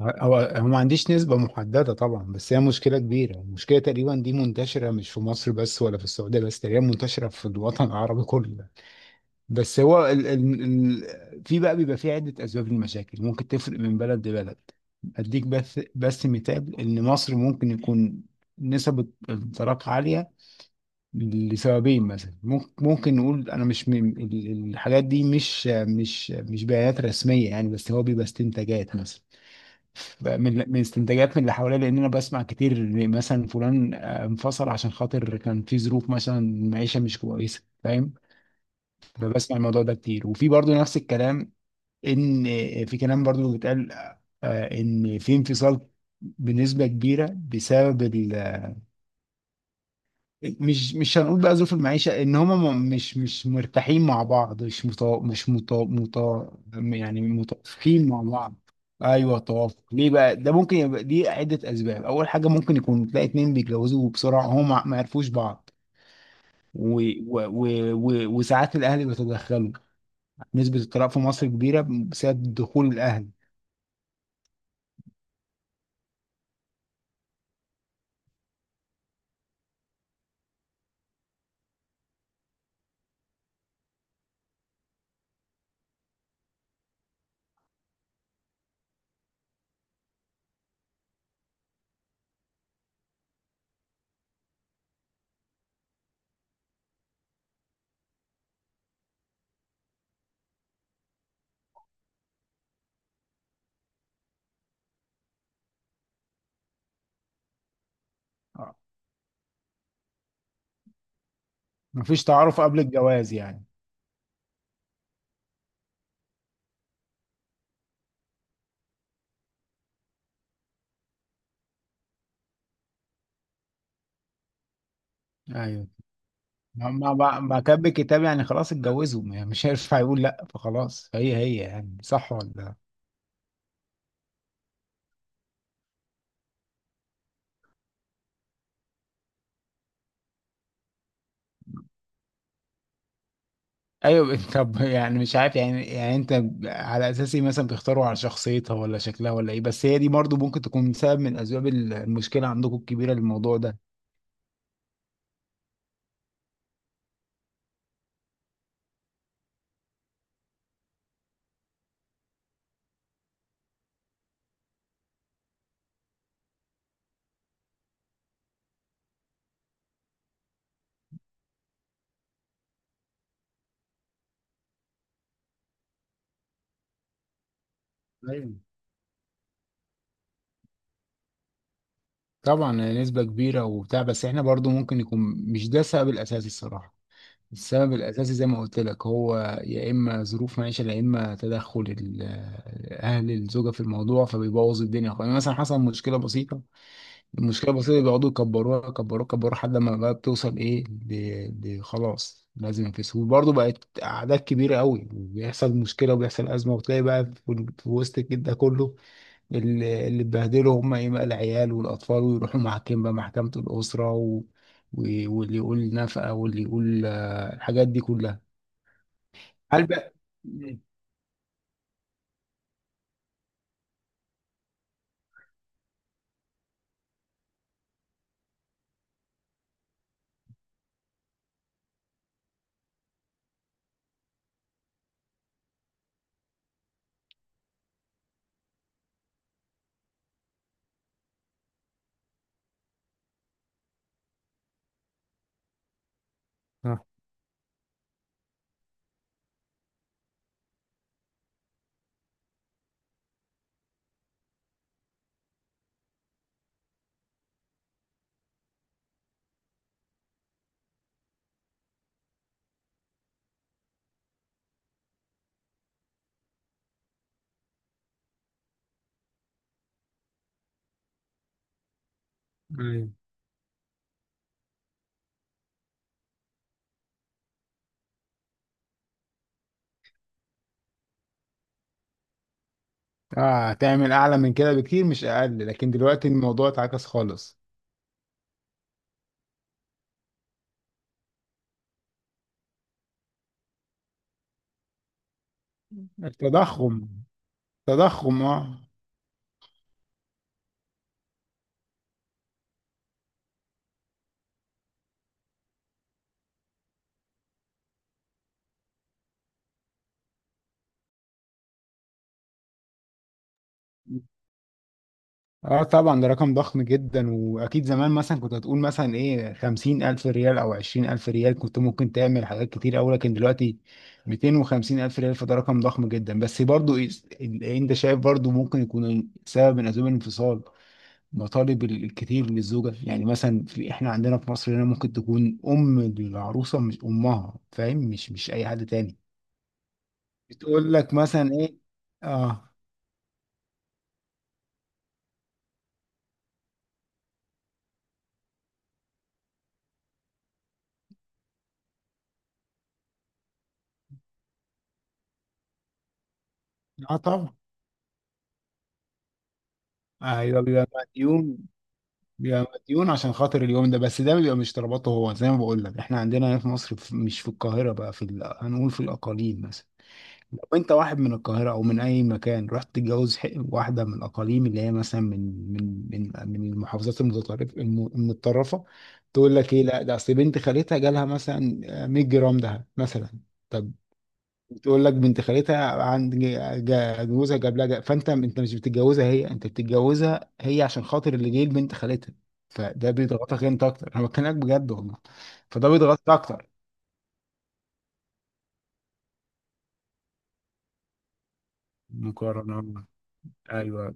هو ما عنديش نسبة محددة طبعا، بس هي مشكلة كبيرة. المشكلة تقريبا دي منتشرة مش في مصر بس ولا في السعودية بس، تقريبا منتشرة في الوطن العربي كله. بس هو ال ال ال في بقى بيبقى في عدة أسباب للمشاكل ممكن تفرق من بلد لبلد. أديك بس مثال إن مصر ممكن يكون نسب الطلاق عالية لسببين. مثلا ممكن نقول، أنا مش من الحاجات دي مش بيانات رسمية يعني، بس هو بيبقى استنتاجات. مثلا من استنتاجات من اللي حواليا، لان انا بسمع كتير إن مثلا فلان انفصل عشان خاطر كان في ظروف مثلا معيشه مش كويسه، فاهم؟ فبسمع الموضوع ده كتير، وفي برضو نفس الكلام، ان في كلام برضو بيتقال ان في انفصال بنسبه كبيره بسبب، مش هنقول بقى ظروف المعيشة، ان هما مش مرتاحين مع بعض، مش مطا مش مطا مطا يعني متوافقين مع بعض. ايوه، توافق. ليه بقى ده؟ ممكن يبقى دي عدة اسباب. اول حاجة، ممكن يكون تلاقي اتنين بيتجوزوا بسرعة هما ما عرفوش بعض، و... وساعات الاهل بيتدخلوا. نسبة الطلاق في مصر كبيرة بسبب دخول الاهل. آه، مفيش تعارف قبل الجواز يعني. ايوه، ما كان بالكتاب يعني، خلاص اتجوزوا، يعني مش هينفع يقول لا، فخلاص هي يعني، صح ولا؟ ايوه طب يعني مش عارف يعني انت على اساس ايه مثلا بتختاروا؟ على شخصيتها ولا شكلها ولا ايه؟ بس هي دي برضو ممكن تكون سبب من اسباب المشكله عندكم الكبيره للموضوع ده. ايوه، طبعا نسبه كبيره وبتاع، بس احنا برضو ممكن يكون مش ده السبب الاساسي الصراحه. السبب الأساسي زي ما قلت لك، هو يا إما ظروف معيشة، يا إما تدخل أهل الزوجة في الموضوع، فبيبوظ الدنيا خالص. يعني مثلا حصل مشكلة بسيطة، المشكلة البسيطة دي بيقعدوا يكبروها يكبروها يكبروها لحد ما بقى بتوصل إيه؟ خلاص لازم ينفصل. وبرضه بقت أعداد كبيرة قوي، وبيحصل مشكلة وبيحصل أزمة، وتلاقي بقى في وسط الجد ده كله اللي اتبهدلوا هم ايه بقى؟ العيال والاطفال. ويروحوا محاكم بقى، محكمة الاسرة، و... واللي يقول نفقة واللي يقول الحاجات دي كلها. هل بقى؟ اه أيوة. اه، هتعمل اعلى من كده بكتير مش اقل، لكن دلوقتي الموضوع اتعكس خالص. التضخم، تضخم، اه. اه طبعا، ده رقم ضخم جدا. واكيد زمان مثلا كنت هتقول مثلا ايه، 50,000 ريال او 20,000 ريال، كنت ممكن تعمل حاجات كتير اوي. لكن دلوقتي 250,000 ريال، فده رقم ضخم جدا. بس برضو انت شايف برضو ممكن يكون سبب من اسباب الانفصال مطالب الكتير للزوجة. يعني مثلا في احنا عندنا في مصر هنا، ممكن تكون ام العروسة، مش امها فاهم، مش مش اي حد تاني، بتقول لك مثلا ايه. اه. اه طبعا، ايوه، بيبقى مديون. بيبقى مديون عشان خاطر اليوم ده بس. ده بيبقى مش طلباته هو، زي ما بقول لك. احنا عندنا هنا في مصر، في مش في القاهرة بقى، في هنقول في الأقاليم مثلا. لو انت واحد من القاهرة او من اي مكان، رحت تتجوز واحدة من الأقاليم، اللي هي مثلا من المحافظات المتطرفة، المتطرفة، تقول لك ايه؟ لا ده اصل بنت خالتها جالها مثلا 100 جرام دهب مثلا. طب. بتقول لك بنت خالتها عند جوزها جاب لها فانت انت مش بتتجوزها هي، انت بتتجوزها هي عشان خاطر اللي جاي لبنت خالتها، فده بيضغطك انت اكتر. انا بكلمك بجد والله، فده بيضغطك اكتر. مقارنة، ايوه،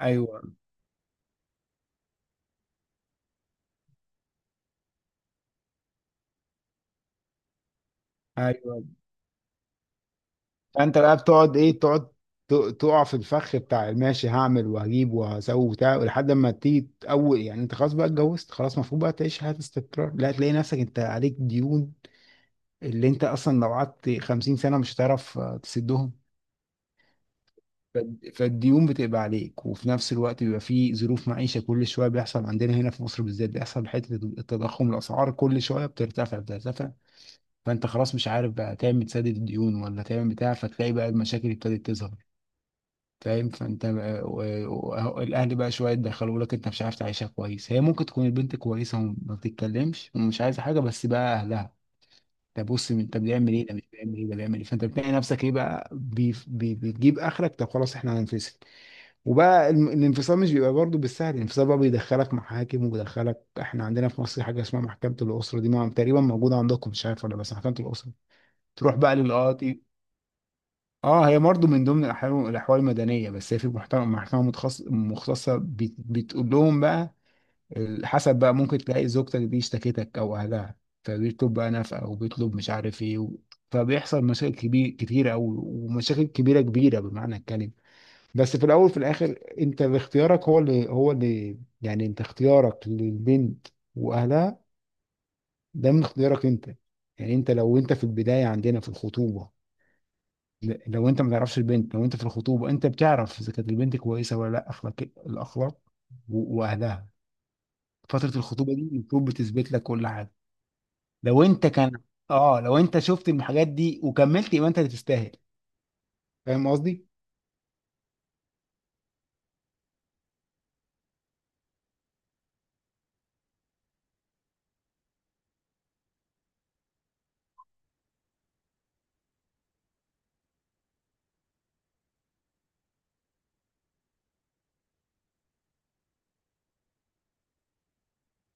ايوه، ايوه. فانت بقى بتقعد ايه؟ تقعد ت- تقع في الفخ بتاع ماشي هعمل وهجيب وهسوي وبتاع، لحد ما تيجي اول، يعني انت خلاص بقى اتجوزت، خلاص المفروض بقى تعيش حياة استقرار. لا، تلاقي نفسك انت عليك ديون اللي انت اصلا لو قعدت 50 سنه مش هتعرف تسدهم. فالديون بتبقى عليك، وفي نفس الوقت بيبقى في ظروف معيشه كل شويه بيحصل. عندنا هنا في مصر بالذات بيحصل حته التضخم، الاسعار كل شويه بترتفع بترتفع، فانت خلاص مش عارف بقى تعمل تسدد الديون ولا تعمل بتاع، فتلاقي بقى المشاكل ابتدت تظهر، فاهم؟ فانت بقى، أهو الاهل بقى شويه يدخلوا لك، انت مش عارف تعيشها كويس. هي ممكن تكون البنت كويسه وما بتتكلمش ومش عايزه حاجه، بس بقى اهلها ده بص، طب بيعمل ايه ده، مش بيعمل ايه ده، بيعمل ايه؟ فانت بتلاقي نفسك ايه بقى؟ بي بي بتجيب اخرك، طب خلاص احنا هننفصل. وبقى الانفصال مش بيبقى برضه بالسهل. الانفصال بقى بيدخلك محاكم وبيدخلك، احنا عندنا في مصر حاجه اسمها محكمه الاسره دي، تقريبا موجوده عندكم مش عارف ولا؟ بس محكمه الاسره تروح بقى للقاضي. اه هي برضه من ضمن الاحوال، الاحوال المدنيه، بس هي في محكمه محكمه مختصه، بتقول لهم بقى حسب بقى، ممكن تلاقي زوجتك دي اشتكتك او اهلها، فبيطلب بقى نفقه، او بيطلب مش عارف ايه فبيحصل مشاكل كتيره قوي، ومشاكل كبيره كبيره بمعنى الكلمه. بس في الاول وفي الاخر، انت باختيارك. هو اللي هو اللي يعني انت اختيارك للبنت واهلها، ده من اختيارك انت. يعني انت لو انت في البدايه، عندنا في الخطوبه، لو انت ما تعرفش البنت، لو انت في الخطوبه انت بتعرف اذا كانت البنت كويسه ولا لا، اخلاق، الاخلاق، واهلها. فتره الخطوبه دي المفروض بتثبت لك كل حاجه. لو انت كان اه لو انت شفت الحاجات دي وكملت، يبقى انت اللي تستاهل. فاهم قصدي؟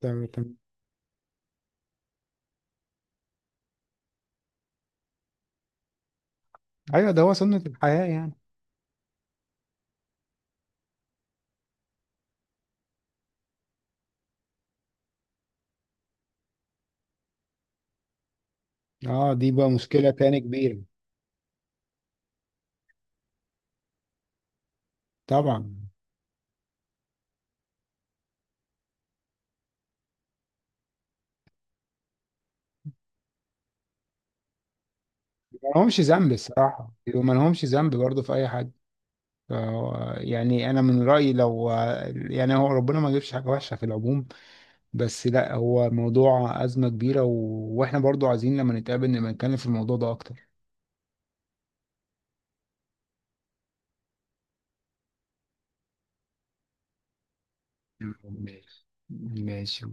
تمام تمام. ايوه ده هو سنة الحياة يعني. اه دي بقى مشكلة تاني كبيرة. طبعا، ما لهمش ذنب الصراحة، وما لهمش ذنب برضه في اي حاجة. ف- يعني انا من رأيي، لو يعني هو ربنا ما يجيبش حاجة وحشة في العموم، بس لا، هو موضوع أزمة كبيرة واحنا برضه عايزين لما نتقابل نبقى نتكلم في الموضوع ده اكتر. ماشي، ماشي.